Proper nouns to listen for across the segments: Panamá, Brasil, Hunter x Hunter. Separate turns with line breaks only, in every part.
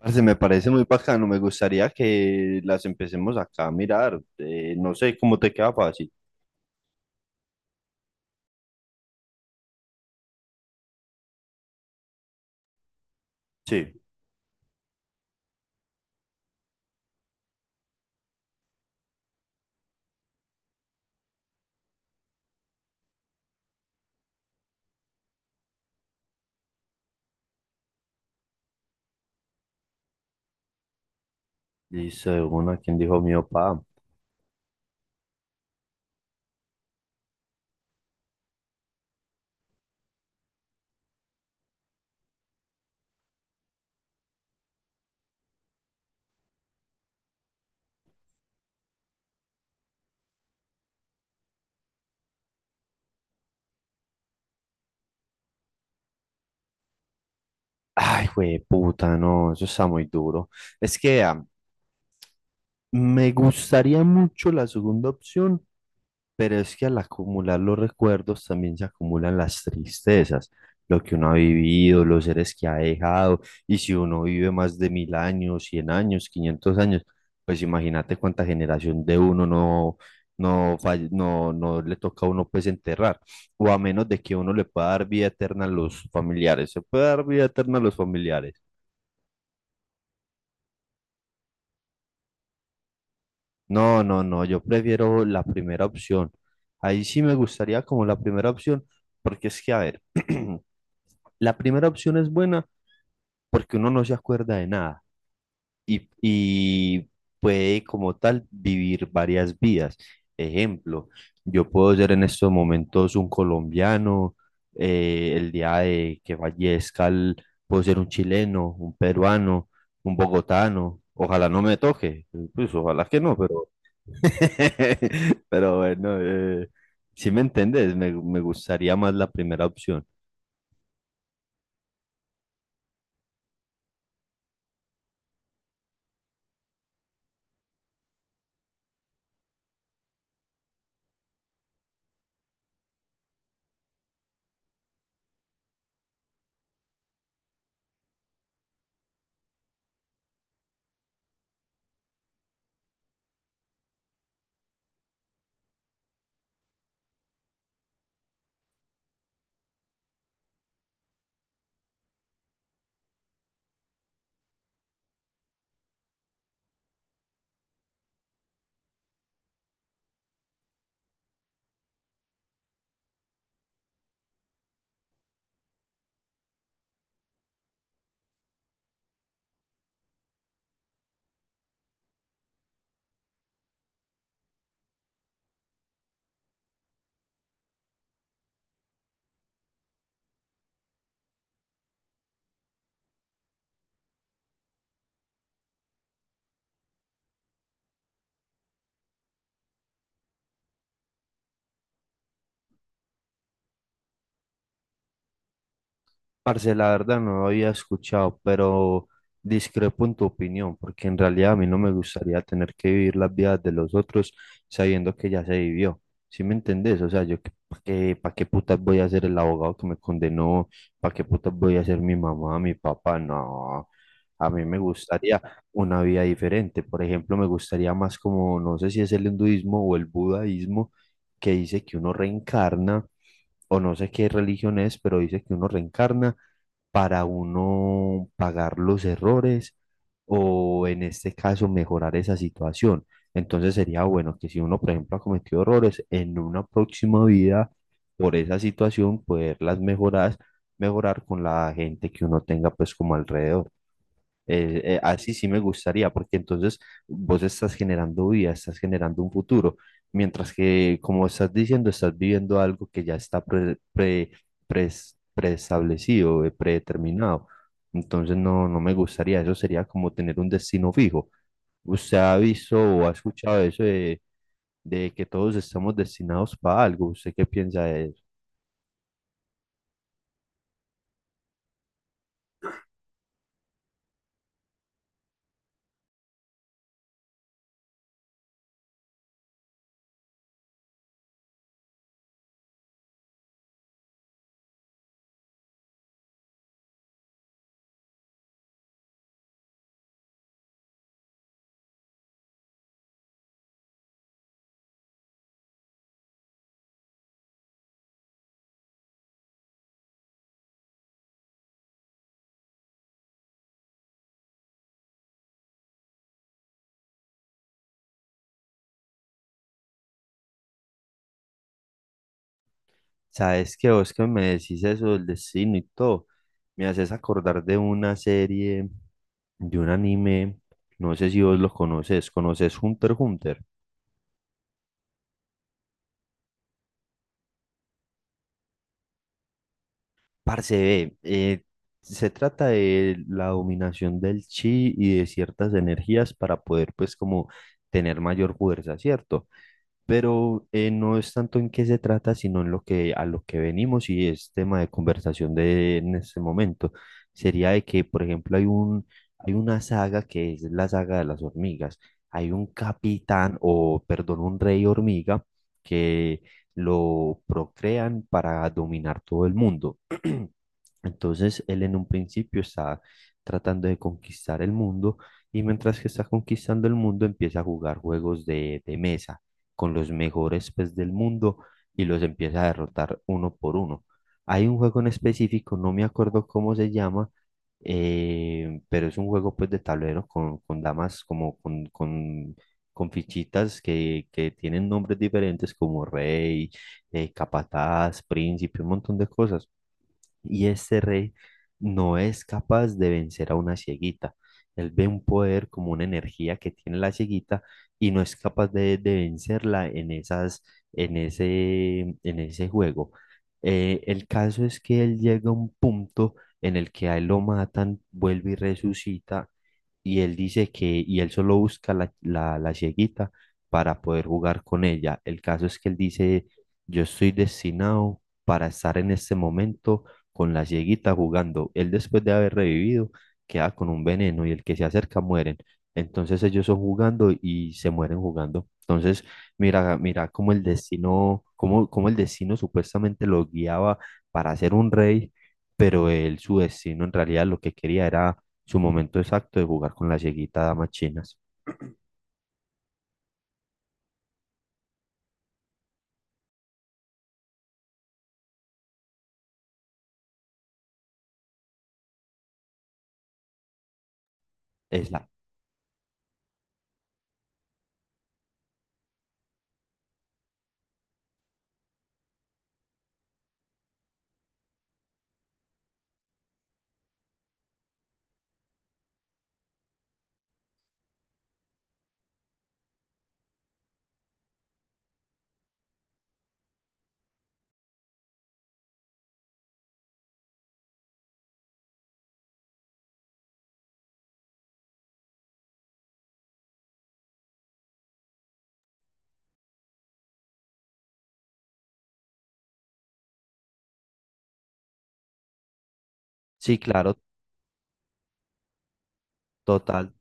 Parce, me parece muy bacano, me gustaría que las empecemos acá a mirar. No sé cómo te queda fácil. Sí. Listo, de una, ¿quién dijo mi papá? Ay, güey, puta, no, eso está muy duro. Es que, me gustaría mucho la segunda opción, pero es que al acumular los recuerdos también se acumulan las tristezas, lo que uno ha vivido, los seres que ha dejado, y si uno vive más de 1.000 años, 100 años, 500 años, pues imagínate cuánta generación de uno no, no, no, no le toca a uno pues enterrar, o a menos de que uno le pueda dar vida eterna a los familiares, se puede dar vida eterna a los familiares. No, no, no, yo prefiero la primera opción. Ahí sí me gustaría como la primera opción, porque es que, a ver, la primera opción es buena porque uno no se acuerda de nada y puede como tal vivir varias vidas. Ejemplo, yo puedo ser en estos momentos un colombiano, el día de que fallezca el- puedo ser un chileno, un peruano, un bogotano. Ojalá no me toque, pues ojalá que no, pero, pero bueno, si me entiendes, me gustaría más la primera opción. Parce, la verdad no lo había escuchado, pero discrepo en tu opinión, porque en realidad a mí no me gustaría tener que vivir las vidas de los otros sabiendo que ya se vivió. ¿Sí me entendés? O sea, ¿para qué putas voy a ser el abogado que me condenó? ¿Para qué putas voy a ser mi mamá, mi papá? No, a mí me gustaría una vida diferente. Por ejemplo, me gustaría más como, no sé si es el hinduismo o el budaísmo, que dice que uno reencarna o no sé qué religión es, pero dice que uno reencarna para uno pagar los errores o en este caso mejorar esa situación. Entonces sería bueno que si uno, por ejemplo, ha cometido errores en una próxima vida por esa situación, poderlas mejorar, mejorar con la gente que uno tenga pues como alrededor. Así sí me gustaría, porque entonces vos estás generando vida, estás generando un futuro, mientras que, como estás diciendo, estás viviendo algo que ya está preestablecido, predeterminado. Entonces no, no me gustaría, eso sería como tener un destino fijo. ¿Usted ha visto o ha escuchado eso de que todos estamos destinados para algo? ¿Usted qué piensa de eso? ¿Sabes que vos que me decís eso del destino y todo? Me haces acordar de una serie de un anime, no sé si vos lo conoces, ¿conoces Hunter x Hunter? Parce, ve, se trata de la dominación del chi y de ciertas energías para poder pues como tener mayor fuerza, ¿cierto? Pero no es tanto en qué se trata, sino en lo que a lo que venimos y es tema de conversación de en este momento. Sería de que, por ejemplo, hay una saga que es la saga de las hormigas. Hay un capitán o, perdón, un rey hormiga que lo procrean para dominar todo el mundo. Entonces, él en un principio está tratando de conquistar el mundo y mientras que está conquistando el mundo empieza a jugar juegos de mesa con los mejores pues del mundo y los empieza a derrotar uno por uno. Hay un juego en específico, no me acuerdo cómo se llama, pero es un juego pues de tablero con, con fichitas que tienen nombres diferentes como rey, capataz, príncipe, un montón de cosas y este rey no es capaz de vencer a una cieguita. Él ve un poder como una energía que tiene la cieguita y no es capaz de vencerla en ese juego. El caso es que él llega a un punto en el que a él lo matan, vuelve y resucita y él dice que, y él solo busca la cieguita para poder jugar con ella. El caso es que él dice, yo estoy destinado para estar en este momento con la cieguita jugando. Él después de haber revivido queda con un veneno y el que se acerca mueren. Entonces ellos son jugando y se mueren jugando. Entonces, mira, mira cómo el destino, cómo el destino supuestamente lo guiaba para ser un rey, pero él, su destino en realidad lo que quería era su momento exacto de jugar con la cieguita damas chinas. Es la. Sí, claro, total.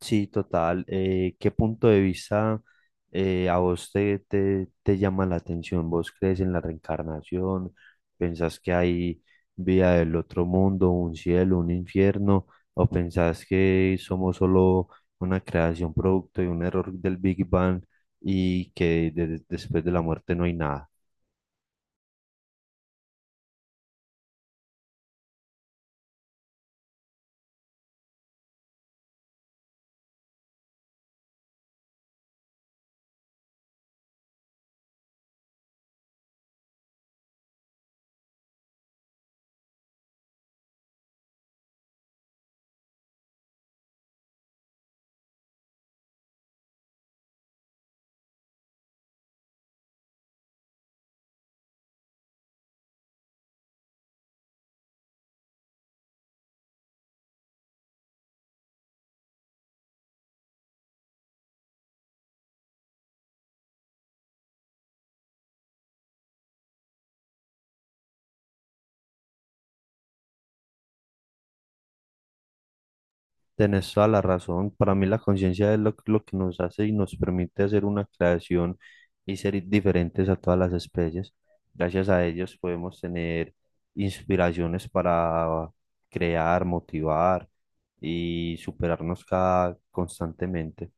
Sí, total. ¿Qué punto de vista a vos te llama la atención? ¿Vos crees en la reencarnación? ¿Pensás que hay vida del otro mundo, un cielo, un infierno? ¿O pensás que somos solo una creación producto de un error del Big Bang y que después de la muerte no hay nada? Tenés toda la razón. Para mí la conciencia es lo que nos hace y nos permite hacer una creación y ser diferentes a todas las especies. Gracias a ellos podemos tener inspiraciones para crear, motivar y superarnos cada constantemente.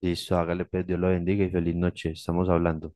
Listo, hágale pues, Dios lo bendiga y feliz noche. Estamos hablando.